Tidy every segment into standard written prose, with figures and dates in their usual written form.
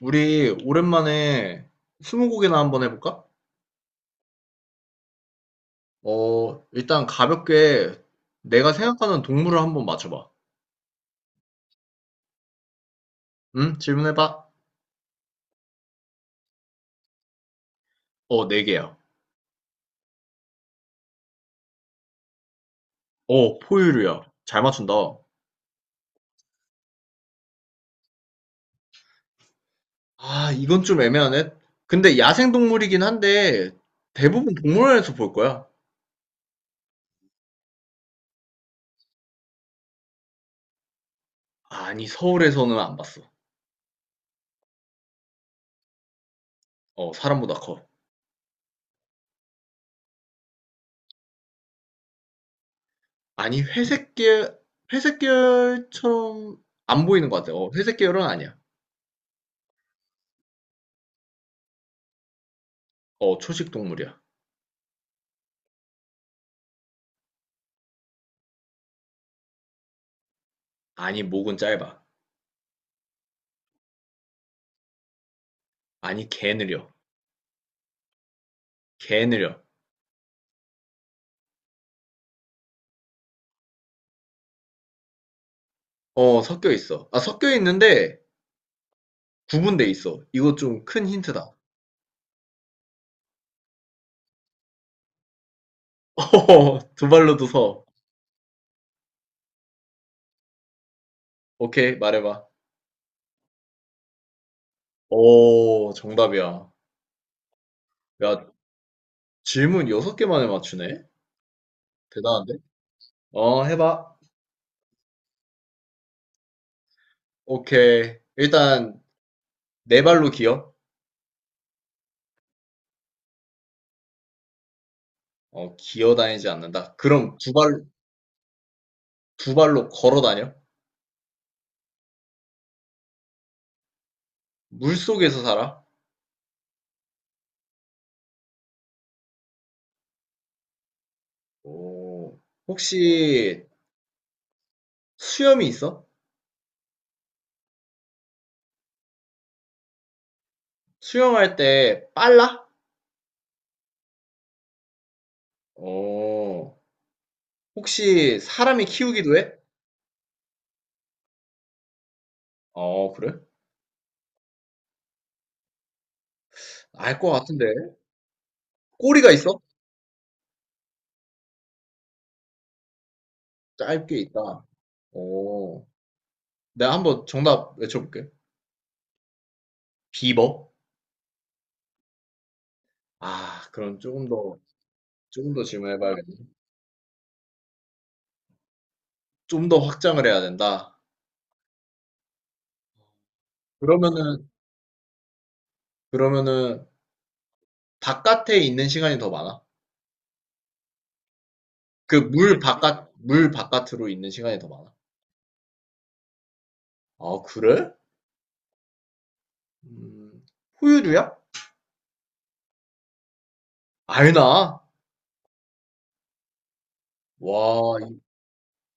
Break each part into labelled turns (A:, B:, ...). A: 우리 오랜만에 스무고개나 한번 해볼까? 어, 일단 가볍게 내가 생각하는 동물을 한번 맞춰봐. 응? 질문해봐. 어, 4개야. 어, 포유류야. 잘 맞춘다. 아, 이건 좀 애매하네. 근데 야생 동물이긴 한데 대부분 동물원에서 볼 거야. 아니, 서울에서는 안 봤어. 어, 사람보다 커. 아니, 회색 계열처럼 안 보이는 것 같아. 어, 회색 계열은 아니야. 어, 초식 동물이야. 아니, 목은 짧아. 아니 개 느려. 개 느려. 어 섞여 있어. 아 섞여 있는데 구분돼 있어. 이거 좀 큰 힌트다. 두 발로도 서. 오케이 말해봐. 오 정답이야. 야 질문 6개 만에 맞추네. 대단한데? 어 해봐. 오케이. 일단 네 발로 기어. 어 기어 다니지 않는다. 그럼 두 발, 두 발로 걸어 다녀. 물 속에서 살아. 오 혹시 수염이 있어? 수영할 때 빨라? 오. 혹시 사람이 키우기도 해? 어, 그래? 알 것 같은데. 꼬리가 있어? 짧게 있다. 오. 내가 한번 정답 외쳐볼게. 비버? 아, 그럼 조금 더 질문해봐야겠네. 좀 더 확장을 해야 된다. 그러면은, 그러면은, 바깥에 있는 시간이 더 많아? 그 물 바깥으로 있는 시간이 더 많아? 아, 그래? 음, 포유류야? 알나? 와,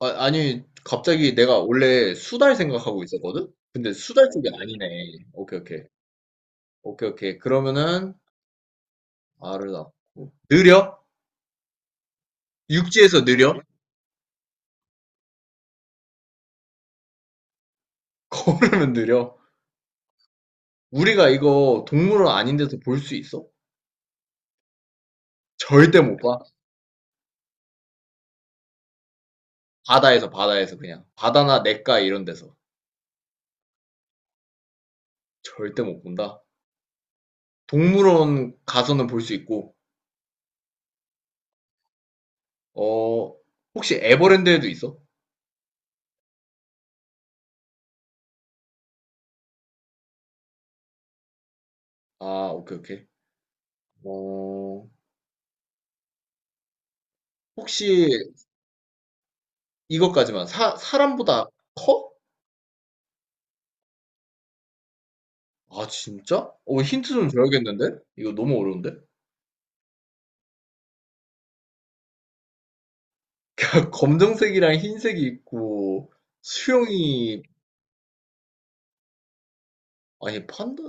A: 아, 니 갑자기 내가 원래 수달 생각하고 있었거든? 근데 수달 쪽이 아니네. 오케이, 오케이. 오케이, 오케이. 그러면은, 알을 낳고. 느려? 육지에서 느려? 걸으면 느려? 우리가 이거 동물원 아닌 데서 볼 수 있어? 절대 못 봐. 바다에서 그냥. 바다나 냇가 이런 데서. 절대 못 본다. 동물원 가서는 볼 수 있고, 어, 혹시 에버랜드에도 있어? 아, 오케이, 오케이. 어, 혹시 이것까지만. 사 사람보다 커? 아 진짜? 어 힌트 좀 줘야겠는데? 이거 너무 어려운데? 검정색이랑 흰색이 있고 수영이 아니 판다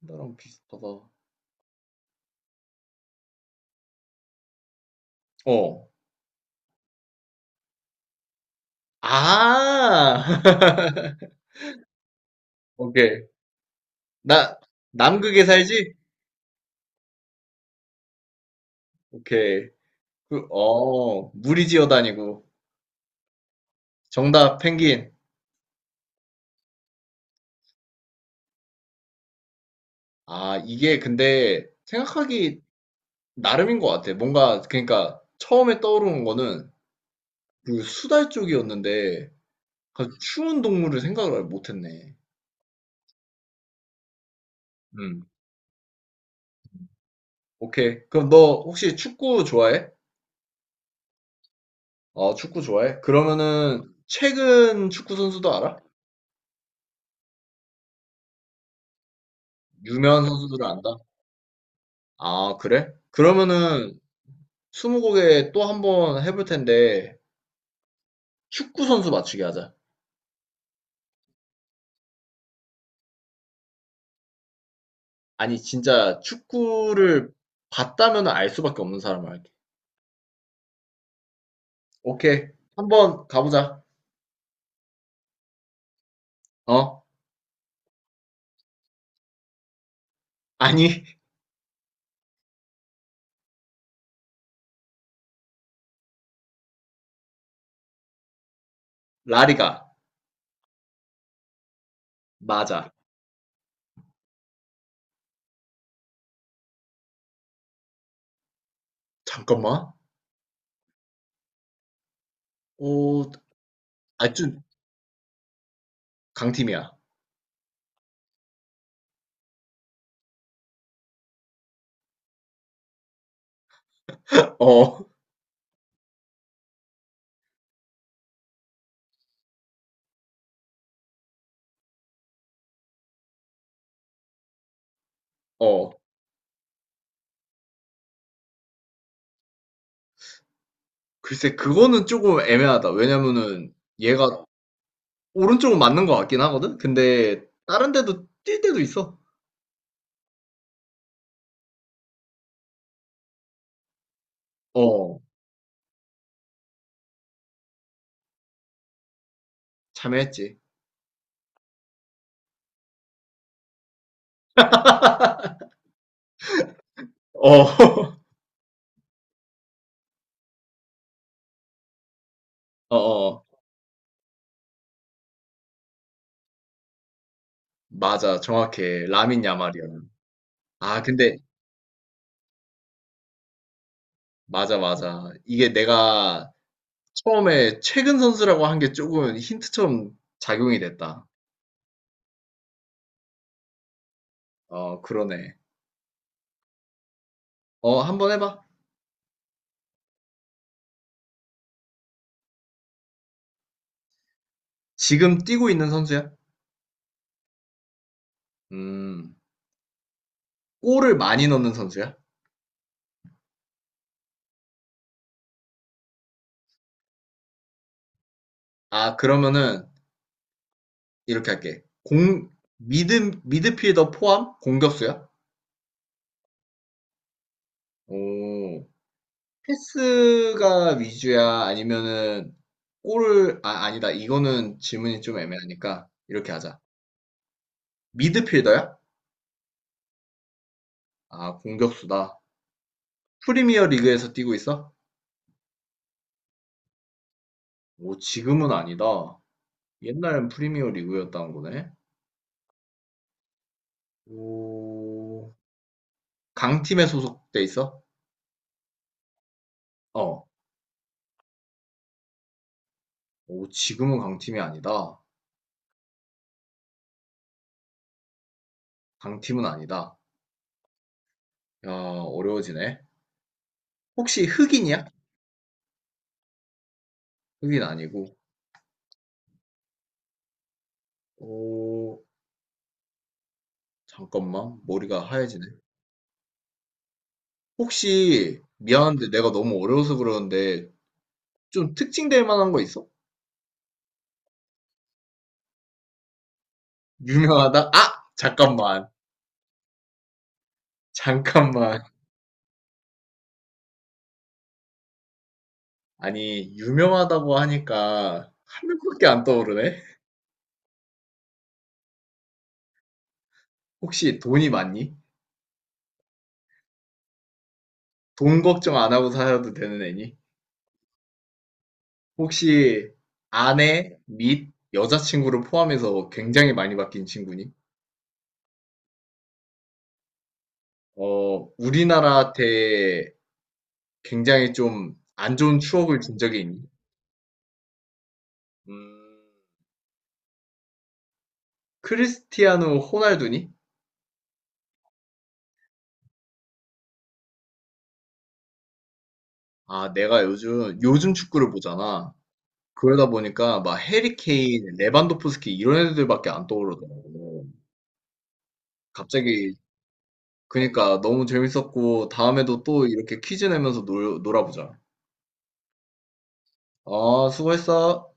A: 판다랑 비슷하다. 어. 아. 오케이. 나 남극에 살지? 오케이. 무리 지어 다니고. 정답 펭귄. 아, 이게 근데 생각하기 나름인 것 같아. 뭔가 그러니까 처음에 떠오르는 거는 그 수달 쪽이었는데 아주 추운 동물을 생각을 못했네. 음, 오케이. 그럼 너 혹시 축구 좋아해? 어, 축구 좋아해? 그러면은 최근 축구 선수도 알아? 유명한 선수들을 안다? 아, 그래? 그러면은 스무고개 또 한번 해볼 텐데 축구 선수 맞추기 하자. 아니 진짜 축구를 봤다면 알 수밖에 없는 사람을 할게. 오케이. 한번 가보자. 어? 아니 라리가 맞아. 잠깐만. 어, 좀 강팀이야. 어, 어. 글쎄, 그거는 조금 애매하다. 왜냐면은 얘가 오른쪽은 맞는 것 같긴 하거든? 근데 다른 데도 뛸 때도 있어. 어, 참여했지. 어, 어, 어. 맞아. 정확해. 라민 야말이야. 아, 근데 맞아, 맞아. 이게 내가 처음에 최근 선수라고 한 게 조금 힌트처럼 작용이 됐다. 어, 그러네. 어, 한번 해봐. 지금 뛰고 있는 선수야? 음, 골을 많이 넣는 선수야? 아, 그러면은 이렇게 할게. 미드필더 포함 공격수야? 오, 패스가 위주야? 아니면은 아, 아니다. 이거는 질문이 좀 애매하니까 이렇게 하자. 미드필더야? 아, 공격수다. 프리미어 리그에서 뛰고 있어? 오, 지금은 아니다. 옛날엔 프리미어 리그였다는 거네. 오, 강팀에 소속돼 있어? 어. 오, 지금은 강팀이 아니다. 강팀은 아니다. 야, 어려워지네. 혹시 흑인이야? 흑인 아니고. 오, 잠깐만. 머리가 하얘지네. 혹시, 미안한데 내가 너무 어려워서 그러는데, 좀 특징될 만한 거 있어? 유명하다? 아! 잠깐만. 잠깐만. 아니, 유명하다고 하니까, 한 명밖에 안 떠오르네? 혹시 돈이 많니? 돈 걱정 안 하고 살아도 되는 애니? 혹시, 아내 및 여자친구를 포함해서 굉장히 많이 바뀐 친구니? 어, 우리나라 대 굉장히 좀 안 좋은 추억을 준 적이 있니? 음, 크리스티아누 호날두니? 아, 내가 요즘 축구를 보잖아. 그러다 보니까 막 해리 케인, 레반도프스키 이런 애들밖에 안 떠오르더라고. 갑자기, 그니까 너무 재밌었고, 다음에도 또 이렇게 퀴즈 내면서 놀아보자. 아, 수고했어.